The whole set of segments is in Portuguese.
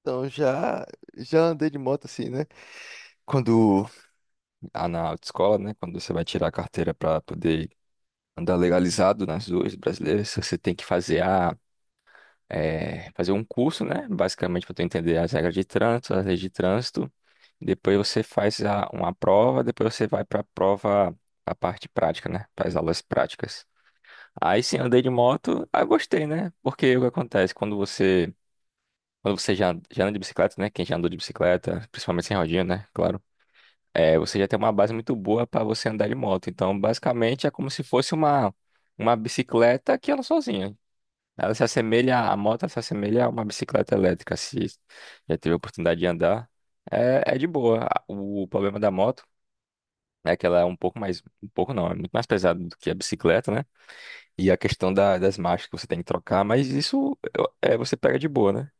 Então, já andei de moto assim, né? Quando, na autoescola, né? Quando você vai tirar a carteira para poder andar legalizado nas ruas brasileiras, você tem que fazer fazer um curso, né? Basicamente, para tu entender as regras de trânsito, as leis de trânsito. Depois você faz uma prova, depois você vai para a prova, a parte prática, né? Para as aulas práticas. Aí sim, andei de moto, gostei, né? Porque o que acontece? Quando você já anda de bicicleta, né? Quem já andou de bicicleta, principalmente sem rodinha, né? Claro. É, você já tem uma base muito boa para você andar de moto. Então, basicamente, é como se fosse uma bicicleta que anda sozinha. Ela se assemelha, A moto se assemelha a uma bicicleta elétrica, se já teve a oportunidade de andar. É de boa. O problema da moto é que ela é um pouco mais, um pouco não, é muito mais pesada do que a bicicleta, né? E a questão das marchas que você tem que trocar, mas isso você pega de boa, né?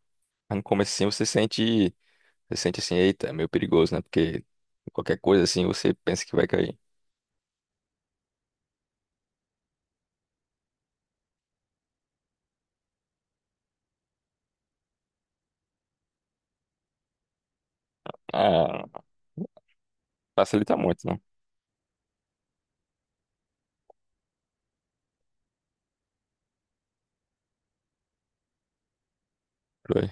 Mas no comecinho você sente assim, eita, é meio perigoso, né? Porque qualquer coisa assim você pensa que vai cair. Ah, facilita muito, não? Foi.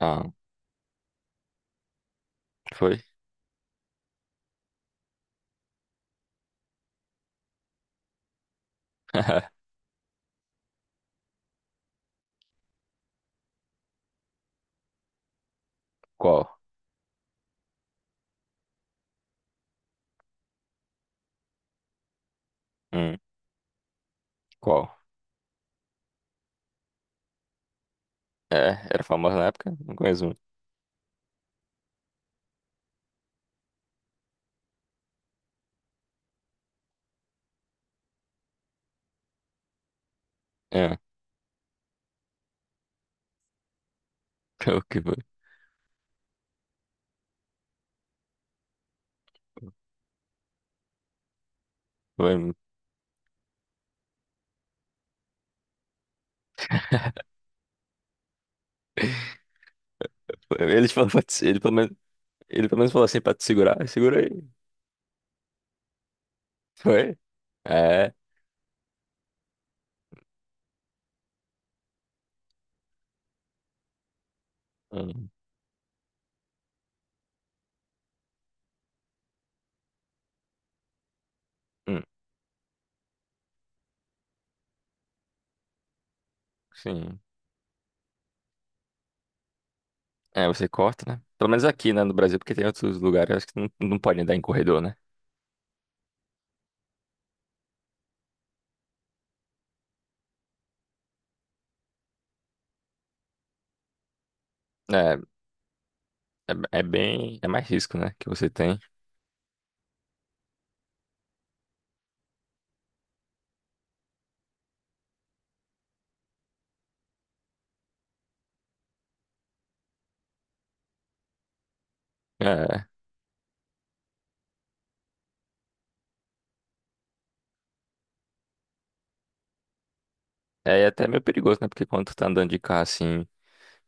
Ah, foi? Qual? Hum, qual? É, era famosa na época? Não conheço muito. É, o que foi? Foi- foi- Ele falou pra te, Ele pelo menos falou assim pra te segurar. Segura aí. Foi? É. Hum, hum, sim. É, você corta, né? Pelo menos aqui, né, no Brasil, porque tem outros lugares acho que não podem dar em corredor, né? É, é mais risco, né, que você tem. É, é até meio perigoso, né, porque quando tu tá andando de carro assim.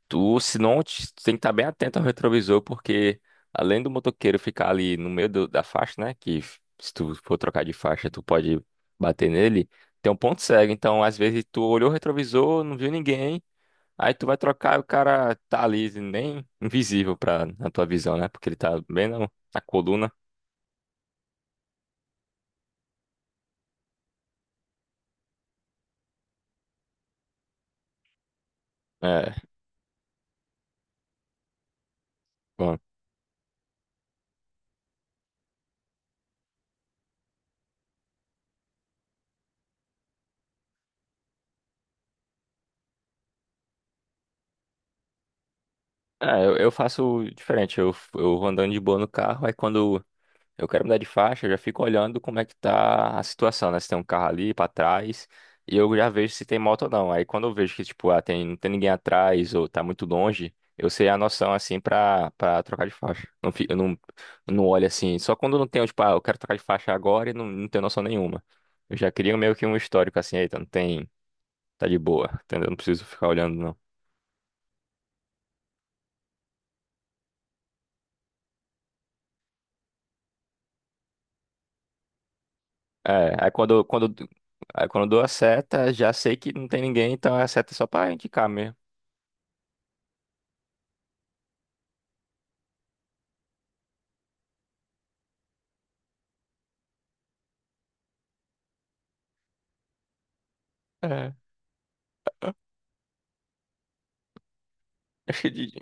Tu, se não, te- tu tem que estar bem atento ao retrovisor, porque além do motoqueiro ficar ali no meio da faixa, né? Que se tu for trocar de faixa, tu pode bater nele, tem um ponto cego. Então, às vezes, tu olhou o retrovisor, não viu ninguém, aí tu vai trocar e o cara tá ali, nem invisível na tua visão, né? Porque ele tá bem na, na coluna. É, bom. É, eu faço diferente, eu vou andando de boa no carro, aí quando eu quero mudar de faixa, eu já fico olhando como é que tá a situação, né? Se tem um carro ali pra trás, e eu já vejo se tem moto ou não. Aí quando eu vejo que, tipo, ah, não tem ninguém atrás ou tá muito longe, eu sei a noção, assim, pra trocar de faixa. Não, eu não olho assim, só quando não tenho, tipo, ah, eu quero trocar de faixa agora e não tenho noção nenhuma. Eu já queria meio que um histórico, assim, eita, não tem, tá de boa, entendeu? Não preciso ficar olhando, não. É, aí quando eu dou a seta, já sei que não tem ninguém, então a seta é só pra indicar mesmo. É. Acho que de-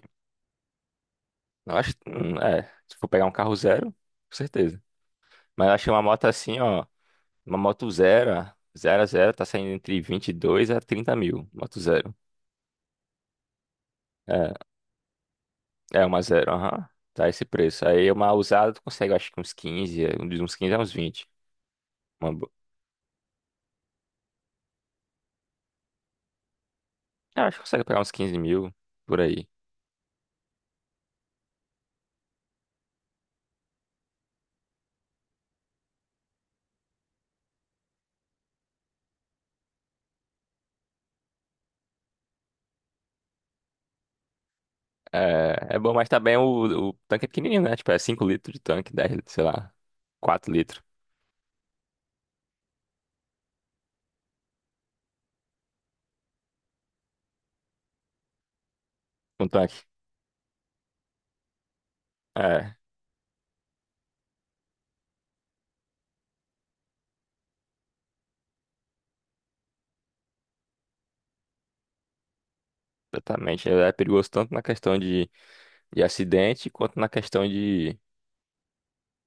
eu acho, se for pegar um carro zero, com certeza. Mas eu achei uma moto assim, ó, uma moto zero, zero a zero, tá saindo entre 22 a 30 mil, moto zero. É, é uma zero, aham, tá esse preço. Aí uma usada tu consegue, acho que uns 15 de uns 15 a uns 20. Uma, bo- eu acho que consegue pegar uns 15 mil, por aí. É, é bom, mas também o tanque é pequenininho, né? Tipo, é 5 litros de tanque, 10 sei lá, 4 litros um tanque. É. Exatamente. É perigoso tanto na questão de acidente quanto na questão de,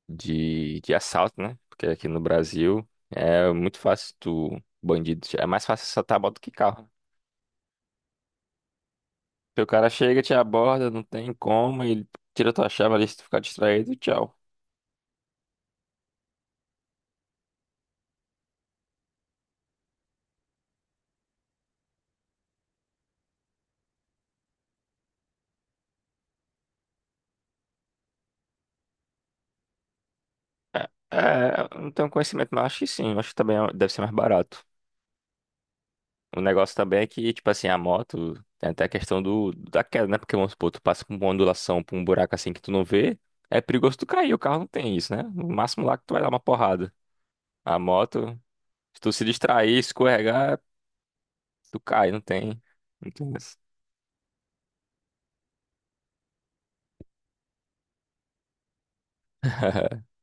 de, de assalto, né? Porque aqui no Brasil é muito fácil tu, bandido, é mais fácil assaltar moto que carro. Porque o cara chega, te aborda, não tem como, ele tira tua chave ali se tu ficar distraído, tchau. É, eu não tenho conhecimento, mas acho que sim. Acho que também deve ser mais barato. O negócio também é que, tipo assim, a moto tem até a questão da queda, né? Porque, vamos supor, tu passa com uma ondulação pra um buraco assim que tu não vê, é perigoso tu cair, o carro não tem isso, né? No máximo lá que tu vai dar uma porrada. A moto, se tu se distrair, escorregar, tu cai, não tem. Não tem isso.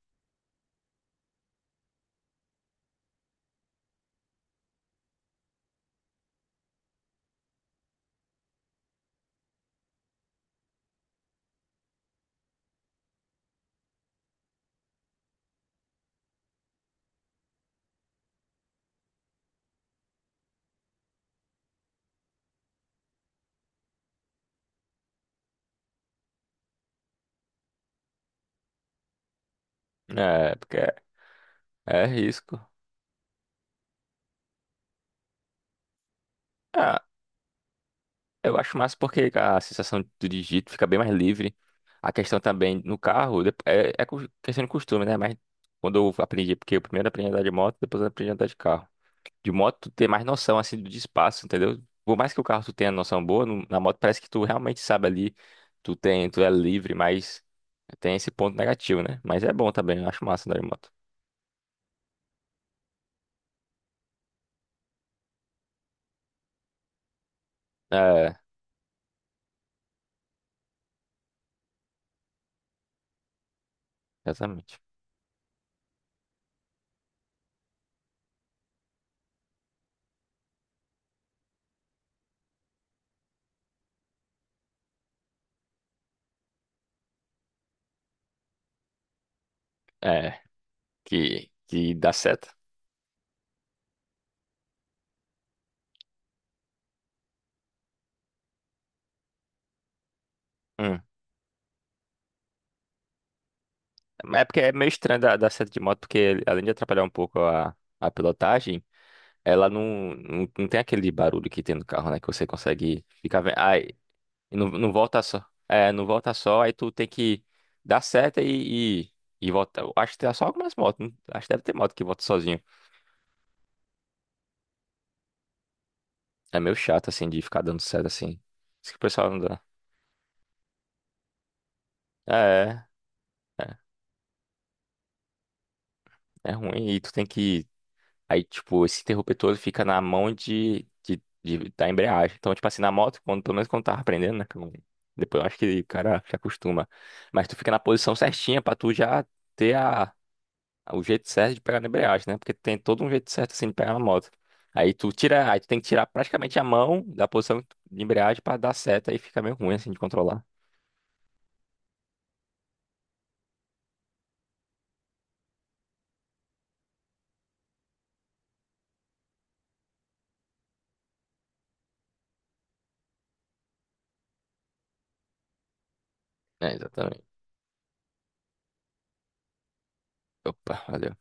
É, porque é, é risco. Ah, eu acho massa porque a sensação do digito fica bem mais livre. A questão também no carro é, questão de costume, né? Mas quando eu aprendi, porque eu primeiro aprendi a andar de moto, depois eu aprendi a andar de carro. De moto tu ter mais noção assim de espaço, entendeu? Por mais que o carro tu tenha noção boa, na moto parece que tu realmente sabe ali, tu tem, tu é livre, mas tem esse ponto negativo, né? Mas é bom também, eu acho massa andar de moto. É, exatamente. É, que dá seta. Hum. É porque é meio estranho dar seta de moto, porque além de atrapalhar um pouco a pilotagem, ela não tem aquele barulho que tem no carro, né? Que você consegue ficar vendo. E não volta só. É, não volta só, aí tu tem que dar seta e, e volta. Eu acho que tem só algumas motos. Acho que deve ter moto que volta sozinho. É meio chato, assim, de ficar dando seta assim. Isso que o pessoal não dá. É, é, é ruim. E tu tem que. Aí, tipo, esse interruptor todo fica na mão da embreagem. Então, tipo assim, na moto, pelo menos quando eu tava aprendendo, né? Que eu não- depois eu acho que o cara se acostuma. Mas tu fica na posição certinha pra tu já ter a. O jeito certo de pegar na embreagem, né? Porque tem todo um jeito certo assim de pegar na moto. Aí tu tem que tirar praticamente a mão da posição de embreagem pra dar seta aí fica meio ruim assim de controlar. É, exatamente. Opa, valeu.